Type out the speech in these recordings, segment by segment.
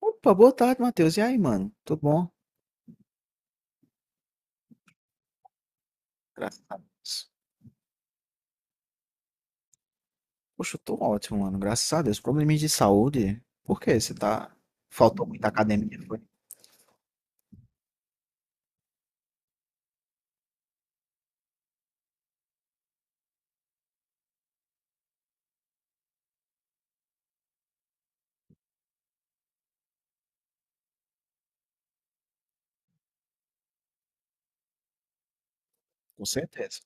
Opa, boa tarde, Matheus. E aí, mano? Tudo bom? Graças a Deus. Poxa, eu tô ótimo, mano. Graças a Deus. Probleminha de saúde? Por quê? Você tá. Faltou muita academia, foi? Com certeza.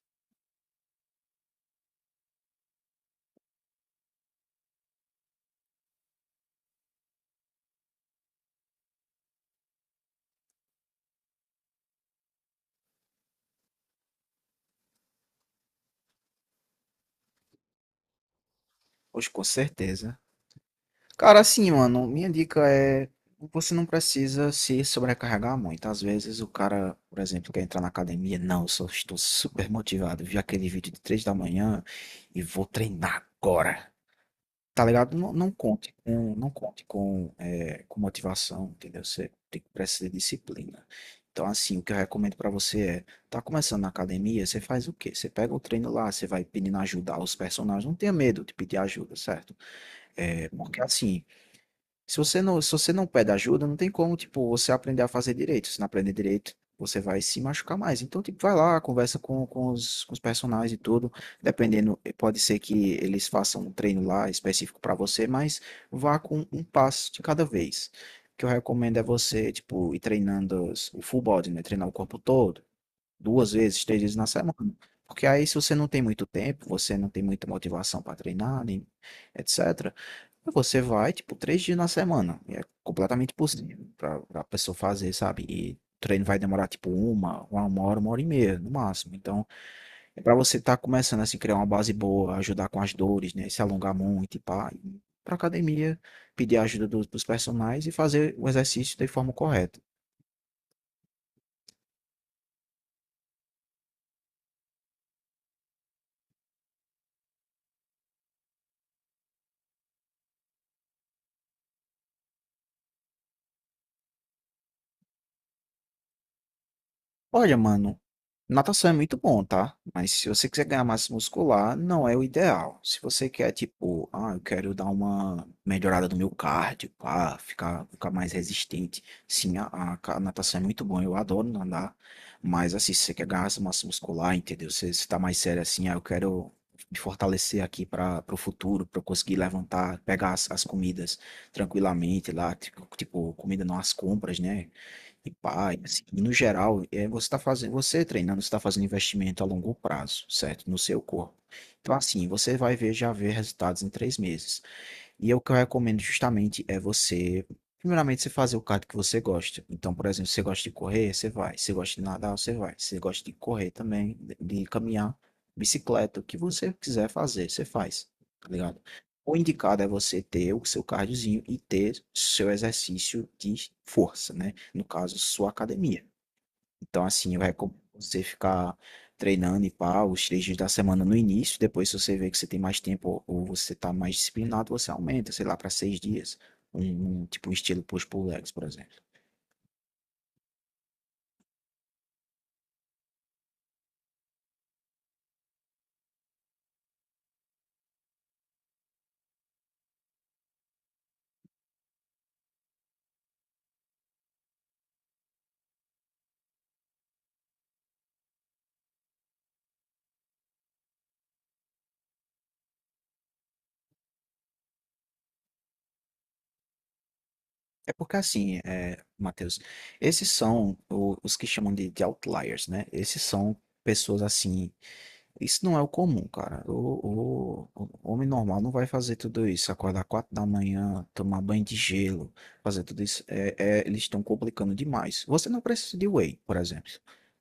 Poxa, com certeza. Cara, assim, mano, minha dica é. Você não precisa se sobrecarregar muito. Às vezes o cara, por exemplo, quer entrar na academia. Não, eu só estou super motivado. Vi aquele vídeo de três da manhã e vou treinar agora. Tá ligado? Não, não conte com com motivação, entendeu? Você tem que precisar de disciplina. Então, assim, o que eu recomendo pra você é, tá começando na academia, você faz o quê? Você pega o treino lá, você vai pedindo ajuda aos personagens, não tenha medo de pedir ajuda, certo? É, porque assim, se você não pede ajuda, não tem como, tipo, você aprender a fazer direito. Se não aprender direito, você vai se machucar mais. Então, tipo, vai lá, conversa com os personagens e tudo. Dependendo, pode ser que eles façam um treino lá específico pra você, mas vá com um passo de cada vez. O que eu recomendo é você, tipo, ir treinando o full body, né? Treinar o corpo todo, duas vezes, três vezes na semana. Porque aí, se você não tem muito tempo, você não tem muita motivação para treinar, nem etc. Você vai, tipo, três dias na semana. E é completamente possível pra pessoa fazer, sabe? E o treino vai demorar, tipo, uma hora, uma hora e meia, no máximo. Então, é pra você estar começando, assim, criar uma base boa, ajudar com as dores, né? Se alongar muito e pá. E ir pra academia, pedir a ajuda dos personagens e fazer o exercício de forma correta. Olha, mano, natação é muito bom, tá? Mas se você quiser ganhar massa muscular, não é o ideal. Se você quer, tipo, ah, eu quero dar uma melhorada no meu cardio, pá, ficar mais resistente. Sim, a natação é muito bom, eu adoro nadar. Mas, assim, se você quer ganhar essa massa muscular, entendeu? Se você tá mais sério assim, ah, eu quero me fortalecer aqui para o futuro, para eu conseguir levantar, pegar as comidas tranquilamente lá, tipo, comida não as compras, né? E pai, assim, e no geral, é, você está fazendo, você treinando, está fazendo investimento a longo prazo, certo? No seu corpo. Então, assim, já ver resultados em três meses. E o que eu recomendo justamente é você, primeiramente, você fazer o cardio que você gosta. Então, por exemplo, se você gosta de correr, você vai. Se você gosta de nadar, você vai. Se você gosta de correr também, de caminhar, bicicleta, o que você quiser fazer, você faz. Tá ligado? O indicado é você ter o seu cardiozinho e ter seu exercício de força, né? No caso, sua academia. Então, assim, eu recomendo você ficar treinando e pá, os três dias da semana no início. Depois, se você vê que você tem mais tempo ou você tá mais disciplinado, você aumenta, sei lá, para seis dias. Tipo um estilo push pull legs, por exemplo. É porque assim, é, Matheus, esses são os que chamam de outliers, né? Esses são pessoas assim. Isso não é o comum, cara. O homem normal não vai fazer tudo isso. Acordar quatro da manhã, tomar banho de gelo, fazer tudo isso. É, eles estão complicando demais. Você não precisa de whey, por exemplo.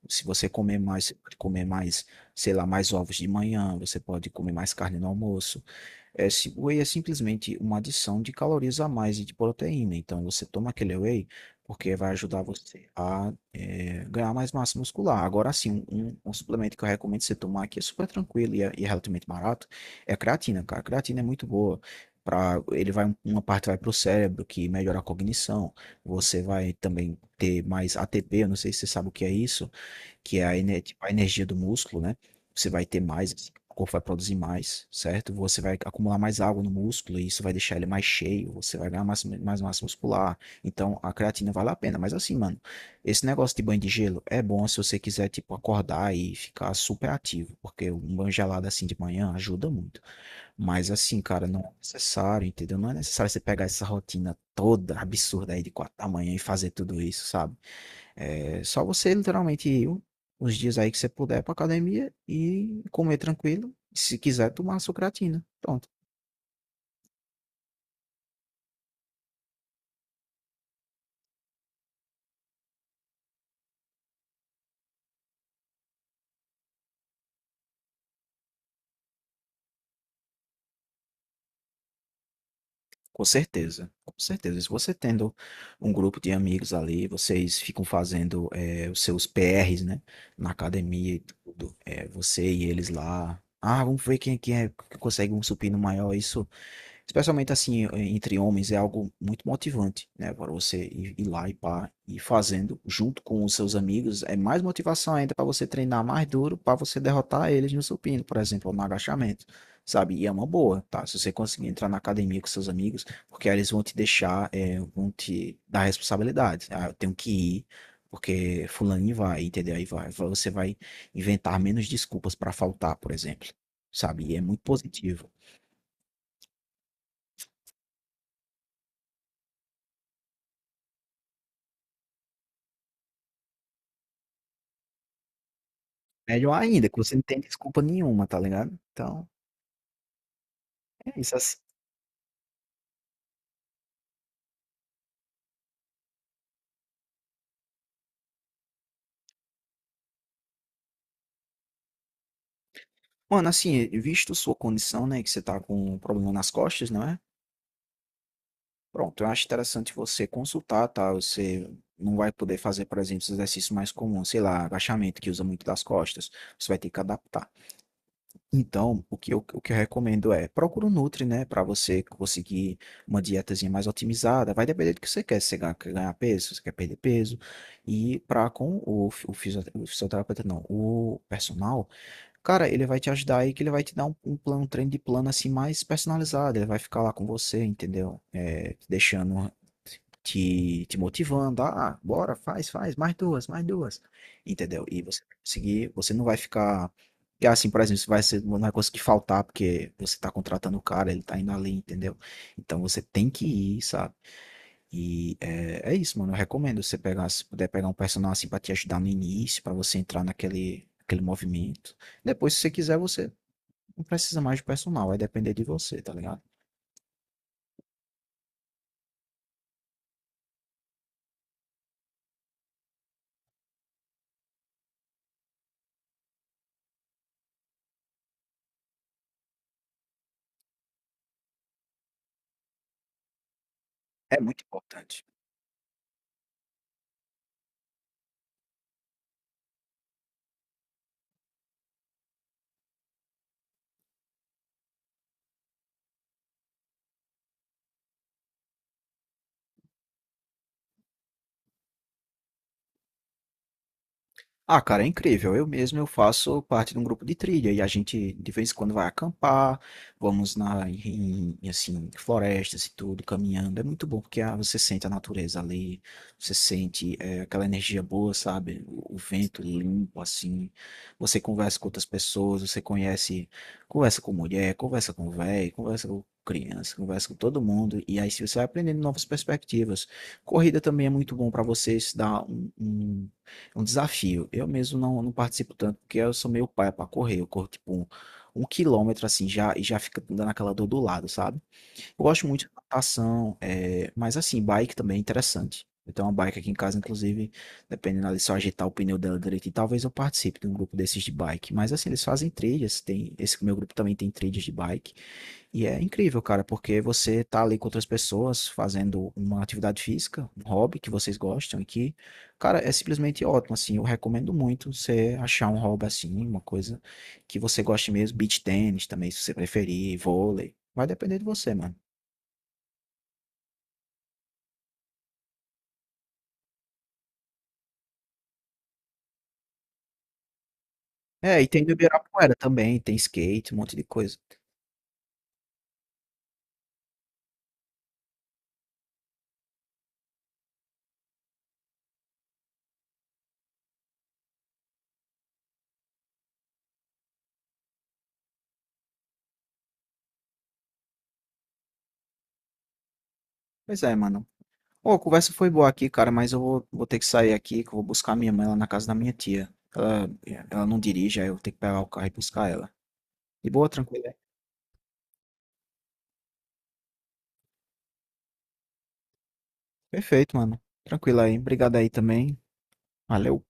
Se você comer mais, você pode comer mais, sei lá, mais ovos de manhã, você pode comer mais carne no almoço. É, o whey é simplesmente uma adição de calorias a mais e de proteína. Então, você toma aquele whey porque vai ajudar você a ganhar mais massa muscular. Agora, sim, um suplemento que eu recomendo você tomar, que é super tranquilo e é relativamente barato, é a creatina, cara. A creatina é muito boa. Pra, ele vai, uma parte vai para o cérebro, que melhora a cognição. Você vai também ter mais ATP, eu não sei se você sabe o que é isso, que é tipo, a energia do músculo, né? Você vai ter mais, assim, o corpo vai produzir mais, certo? Você vai acumular mais água no músculo e isso vai deixar ele mais cheio, você vai ganhar mais massa muscular. Então, a creatina vale a pena. Mas assim, mano, esse negócio de banho de gelo é bom se você quiser, tipo, acordar e ficar super ativo, porque um banho gelado assim de manhã ajuda muito. Mas assim, cara, não é necessário, entendeu? Não é necessário você pegar essa rotina toda absurda aí de quatro da manhã e fazer tudo isso, sabe? É só você literalmente ir os dias aí que você puder pra academia e comer tranquilo. E se quiser, tomar sua creatina. Pronto. Com certeza. Com certeza. Se você tendo um grupo de amigos ali, vocês ficam fazendo os seus PRs, né? Na academia e tudo. Você e eles lá. Ah, vamos ver quem é que consegue um supino maior. Isso, especialmente assim, entre homens, é algo muito motivante, né? Para você ir lá e pá, ir fazendo junto com os seus amigos, é mais motivação ainda para você treinar mais duro, para você derrotar eles no supino, por exemplo, ou no agachamento, sabe? E é uma boa, tá? Se você conseguir entrar na academia com seus amigos, porque aí eles vão te deixar, é, vão te dar responsabilidade, né? Ah, eu tenho que ir, porque fulaninho vai, entendeu? Aí vai, você vai inventar menos desculpas para faltar, por exemplo, sabe? E é muito positivo. Melhor ainda, que você não tem desculpa nenhuma, tá ligado? Então, é isso, assi mano, assim, visto sua condição, né, que você tá com um problema nas costas, não é? Pronto, eu acho interessante você consultar, tá? Você não vai poder fazer, por exemplo, os exercícios mais comuns, sei lá, agachamento, que usa muito das costas, você vai ter que adaptar. Então, o que eu recomendo é procura um Nutri, né, para você conseguir uma dietazinha mais otimizada. Vai depender do que você quer. Se você quer ganhar peso, se você quer perder peso. E para com o o fisioterapeuta, não, o personal, cara, ele vai te ajudar aí, que ele vai te dar um plano, um treino de plano assim mais personalizado. Ele vai ficar lá com você, entendeu? É, te deixando te motivando. Ah, bora, faz, mais duas. Entendeu? E você vai conseguir, você não vai ficar. Que assim, por exemplo, não vai conseguir faltar porque você está contratando o cara, ele está indo ali, entendeu? Então você tem que ir, sabe? É isso, mano. Eu recomendo você pegar, se puder pegar um personal assim pra te ajudar no início, pra você entrar aquele movimento. Depois, se você quiser, você não precisa mais de personal, vai depender de você, tá ligado? É muito importante. Ah, cara, é incrível. Eu mesmo eu faço parte de um grupo de trilha e a gente de vez em quando vai acampar, vamos em assim, florestas e tudo, caminhando. É muito bom porque ah, você sente a natureza ali, você sente aquela energia boa, sabe? O vento limpo assim. Você conversa com outras pessoas, você conhece, conversa com mulher, conversa com velho, conversa com criança, conversa com todo mundo e aí você vai aprendendo novas perspectivas. Corrida também é muito bom para você se dar é um desafio. Eu mesmo não participo tanto, porque eu sou meio paia pra correr. Eu corro tipo um quilômetro assim já e já fica dando aquela dor do lado, sabe? Eu gosto muito de natação, é, mas assim, bike também é interessante. Eu tenho uma bike aqui em casa, inclusive, dependendo ali, se eu ajeitar o pneu dela direitinho, talvez eu participe de um grupo desses de bike. Mas assim, eles fazem trilhas, tem, esse meu grupo também tem trilhas de bike. E é incrível, cara, porque você tá ali com outras pessoas fazendo uma atividade física, um hobby que vocês gostam e que, cara, é simplesmente ótimo, assim, eu recomendo muito você achar um hobby assim, uma coisa que você goste mesmo, beach tênis também, se você preferir, vôlei, vai depender de você, mano. É, e tem do Ibirapuera também, tem skate, um monte de coisa. Pois é, mano. Ô, a conversa foi boa aqui, cara, mas eu vou, vou ter que sair aqui, que eu vou buscar minha mãe lá na casa da minha tia. Ela, ela não dirige, aí eu tenho que pegar o carro e buscar ela. De boa, tranquilo. Perfeito, mano. Tranquilo aí. Obrigado aí também. Valeu.